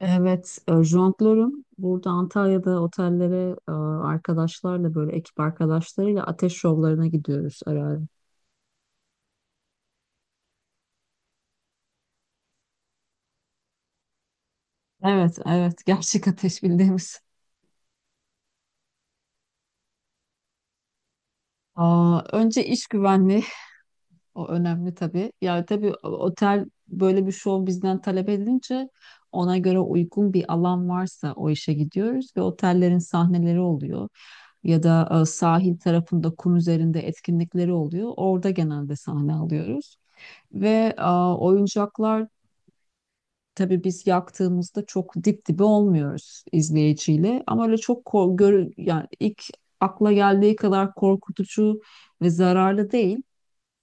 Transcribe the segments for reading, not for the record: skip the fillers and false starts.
Evet, jonglörüm. Burada Antalya'da otellere arkadaşlarla böyle ekip arkadaşlarıyla ateş şovlarına gidiyoruz ara ara. Evet, evet. Gerçek ateş bildiğimiz. Aa, önce iş güvenliği. O önemli tabii. Yani tabii otel böyle bir şov bizden talep edince ona göre uygun bir alan varsa o işe gidiyoruz ve otellerin sahneleri oluyor. Ya da sahil tarafında kum üzerinde etkinlikleri oluyor. Orada genelde sahne alıyoruz. Ve oyuncaklar tabii biz yaktığımızda çok dip dibe olmuyoruz izleyiciyle. Ama öyle çok gör yani ilk akla geldiği kadar korkutucu ve zararlı değil.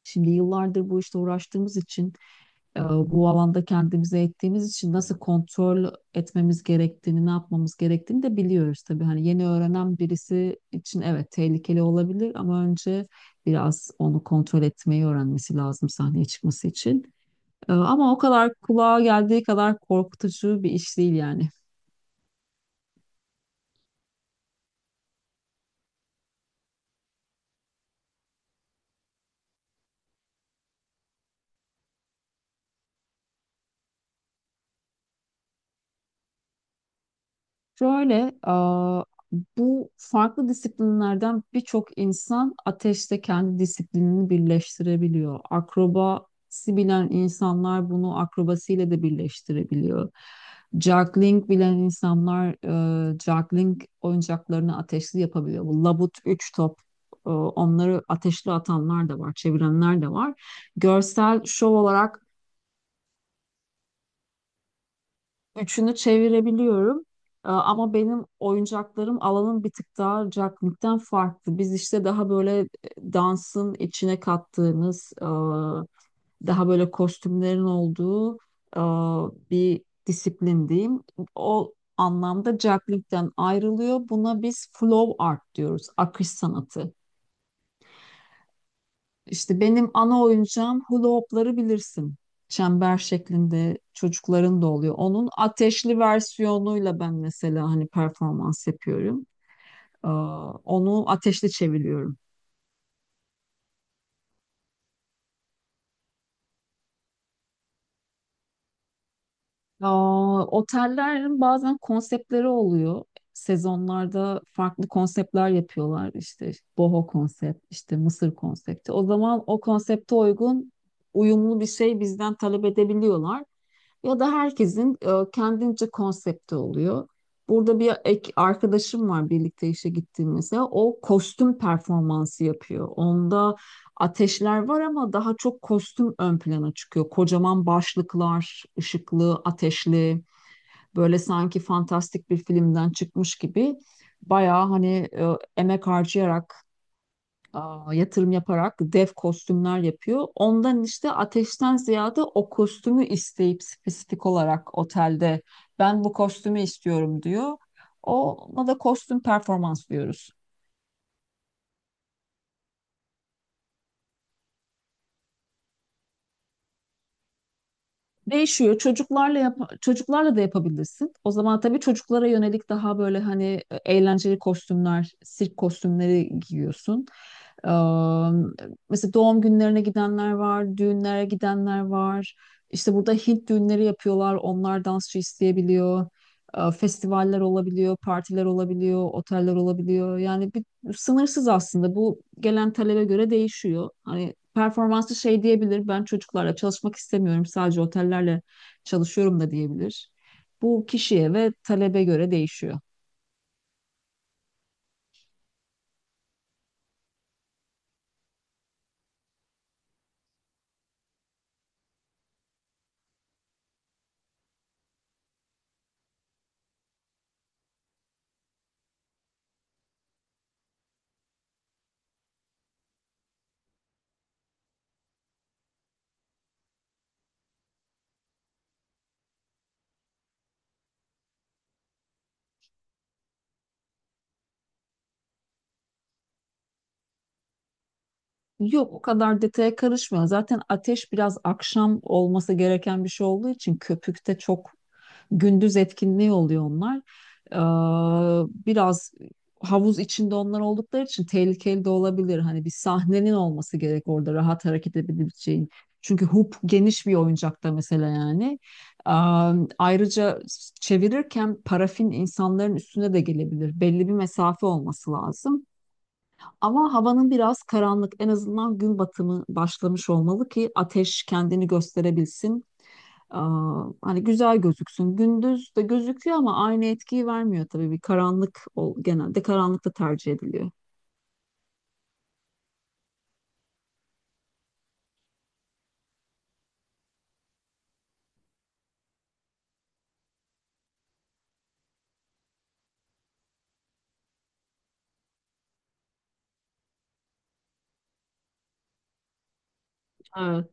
Şimdi yıllardır bu işte uğraştığımız için, bu alanda kendimize ettiğimiz için nasıl kontrol etmemiz gerektiğini, ne yapmamız gerektiğini de biliyoruz tabii. Hani yeni öğrenen birisi için evet tehlikeli olabilir ama önce biraz onu kontrol etmeyi öğrenmesi lazım sahneye çıkması için. Ama o kadar kulağa geldiği kadar korkutucu bir iş değil yani. Şöyle, aa, bu farklı disiplinlerden birçok insan ateşte kendi disiplinini birleştirebiliyor. Akrobasi bilen insanlar bunu akrobasiyle de birleştirebiliyor. Juggling bilen insanlar juggling oyuncaklarını ateşli yapabiliyor. Bu labut, üç top, onları ateşli atanlar da var, çevirenler de var. Görsel şov olarak üçünü çevirebiliyorum. Ama benim oyuncaklarım alanın bir tık daha cakmikten farklı. Biz işte daha böyle dansın içine kattığımız, daha böyle kostümlerin olduğu e, bir disiplin diyeyim. O anlamda cakmikten ayrılıyor. Buna biz flow art diyoruz, akış sanatı. İşte benim ana oyuncağım hula hopları bilirsin. Çember şeklinde çocukların da oluyor. Onun ateşli versiyonuyla ben mesela hani performans yapıyorum. Ee, onu ateşli çeviriyorum. Aa, otellerin bazen konseptleri oluyor. Sezonlarda farklı konseptler yapıyorlar. İşte boho konsept, işte Mısır konsepti. O zaman o konsepte uygun uyumlu bir şey bizden talep edebiliyorlar. Ya da herkesin kendince konsepti oluyor. Burada bir ek arkadaşım var birlikte işe gittiğim mesela. O kostüm performansı yapıyor. Onda ateşler var ama daha çok kostüm ön plana çıkıyor. Kocaman başlıklar, ışıklı, ateşli, böyle sanki fantastik bir filmden çıkmış gibi bayağı hani emek harcayarak, yatırım yaparak dev kostümler yapıyor. Ondan işte ateşten ziyade o kostümü isteyip spesifik olarak otelde ben bu kostümü istiyorum diyor. Ona da kostüm performans diyoruz. Değişiyor. Çocuklarla da yapabilirsin. O zaman tabii çocuklara yönelik daha böyle hani eğlenceli kostümler, sirk kostümleri giyiyorsun. Ee, mesela doğum günlerine gidenler var, düğünlere gidenler var. İşte burada Hint düğünleri yapıyorlar. Onlar dansçı isteyebiliyor. Festivaller olabiliyor, partiler olabiliyor, oteller olabiliyor. Yani sınırsız aslında. Bu gelen talebe göre değişiyor. Hani performansı şey diyebilir. Ben çocuklarla çalışmak istemiyorum. Sadece otellerle çalışıyorum da diyebilir. Bu kişiye ve talebe göre değişiyor. Yok o kadar detaya karışmıyor. Zaten ateş biraz akşam olması gereken bir şey olduğu için köpükte çok gündüz etkinliği oluyor onlar. Biraz havuz içinde onlar oldukları için tehlikeli de olabilir. Hani bir sahnenin olması gerek orada rahat hareket edebileceğin. Çünkü hoop geniş bir oyuncakta mesela yani. Ee, ayrıca çevirirken parafin insanların üstüne de gelebilir. Belli bir mesafe olması lazım. Ama havanın biraz karanlık. En azından gün batımı başlamış olmalı ki ateş kendini gösterebilsin. Aa, hani güzel gözüksün. Gündüz de gözüküyor ama aynı etkiyi vermiyor tabii. Bir karanlık ol, genelde karanlıkta tercih ediliyor. Evet.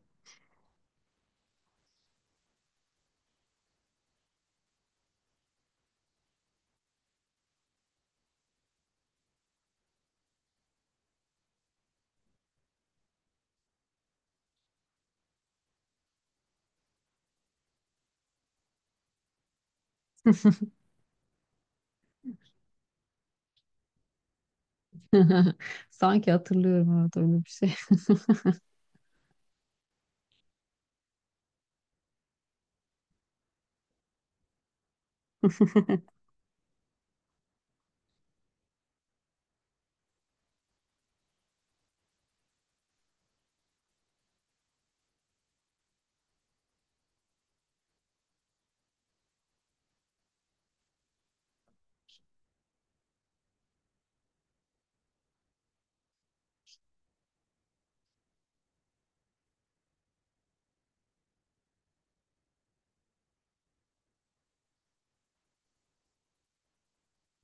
Sanki hatırlıyorum evet öyle bir şey.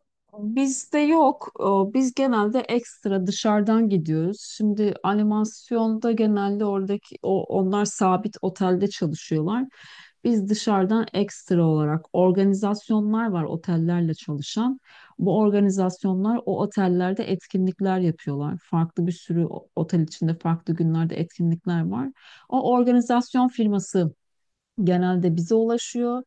Bizde yok. Biz genelde ekstra dışarıdan gidiyoruz. Şimdi animasyonda genelde oradaki onlar sabit otelde çalışıyorlar. Biz dışarıdan ekstra olarak organizasyonlar var otellerle çalışan. Bu organizasyonlar o otellerde etkinlikler yapıyorlar. Farklı bir sürü otel içinde farklı günlerde etkinlikler var. O organizasyon firması genelde bize ulaşıyor.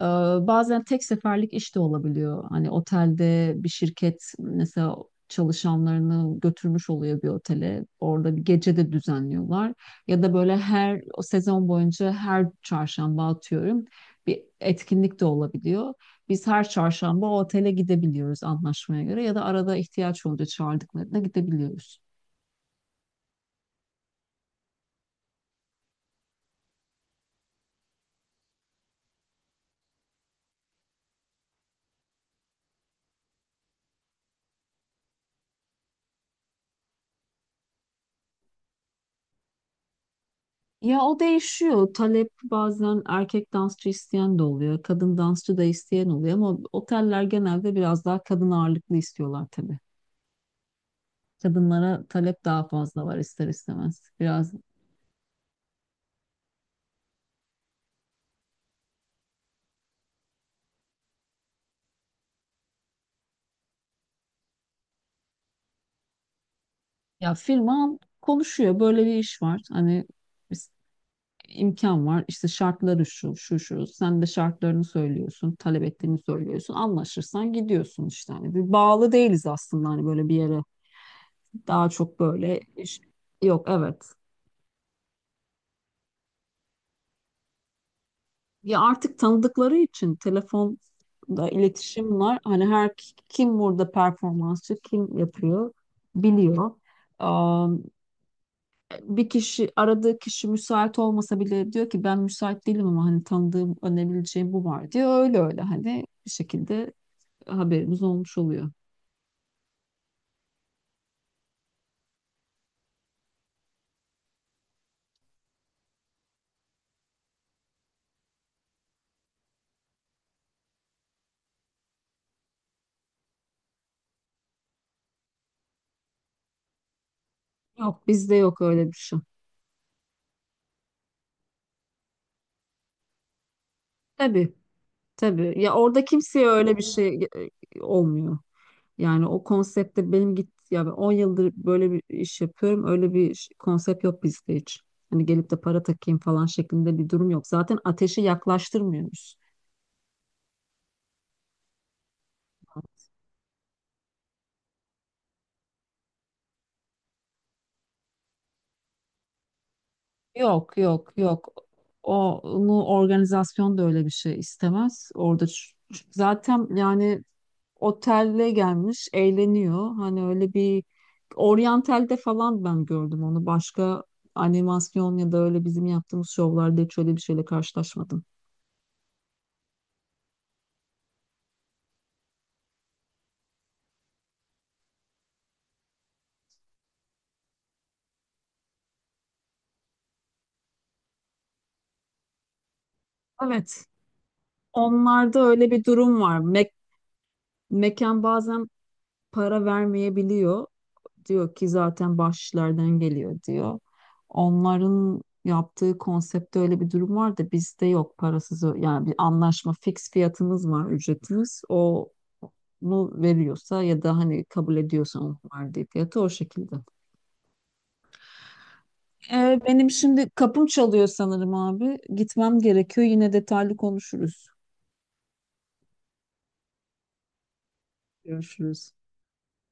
Ee, Bazen tek seferlik iş de olabiliyor. Hani otelde bir şirket mesela çalışanlarını götürmüş oluyor bir otele. Orada bir gece de düzenliyorlar. Ya da böyle her o sezon boyunca her çarşamba atıyorum bir etkinlik de olabiliyor. Biz her çarşamba o otele gidebiliyoruz anlaşmaya göre ya da arada ihtiyaç olunca çağırdıklarına gidebiliyoruz. Ya o değişiyor. Talep bazen erkek dansçı isteyen de oluyor. Kadın dansçı da isteyen oluyor ama oteller genelde biraz daha kadın ağırlıklı istiyorlar tabii. Kadınlara talep daha fazla var ister istemez. Biraz ya firma konuşuyor. Böyle bir iş var. Hani biz- imkan var. İşte şartları şu, şu, şu. Sen de şartlarını söylüyorsun. Talep ettiğini söylüyorsun. Anlaşırsan gidiyorsun işte. Hani bir bağlı değiliz aslında hani böyle bir yere. Daha çok böyle iş. Yok evet. Ya artık tanıdıkları için telefonda iletişim var. Hani her kim burada performansçı, kim yapıyor biliyor. Aa, bir kişi aradığı kişi müsait olmasa bile diyor ki ben müsait değilim ama hani tanıdığım önebileceğim bu var diyor. Öyle öyle hani bir şekilde haberimiz olmuş oluyor. Yok bizde yok öyle bir şey. Tabii tabii ya orada kimseye öyle bir şey olmuyor. Yani o konsepte benim git ya ben 10 yıldır böyle bir iş yapıyorum. Öyle bir konsept yok bizde hiç. Hani gelip de para takayım falan şeklinde bir durum yok. Zaten ateşi yaklaştırmıyoruz. Yok yok yok. O, onu organizasyon da öyle bir şey istemez. Orada zaten yani otelle gelmiş eğleniyor. Hani öyle bir oryantalde falan ben gördüm onu. Başka animasyon ya da öyle bizim yaptığımız şovlarda hiç öyle bir şeyle karşılaşmadım. Evet, onlarda öyle bir durum var. Mekan bazen para vermeyebiliyor. Diyor ki zaten bahşişlerden geliyor diyor. Onların yaptığı konseptte öyle bir durum var da bizde yok parasız yani bir anlaşma fix fiyatımız var ücretimiz onu veriyorsa ya da hani kabul ediyorsa onun verdiği fiyatı o şekilde. Benim şimdi kapım çalıyor sanırım abi. Gitmem gerekiyor. Yine detaylı konuşuruz. Görüşürüz.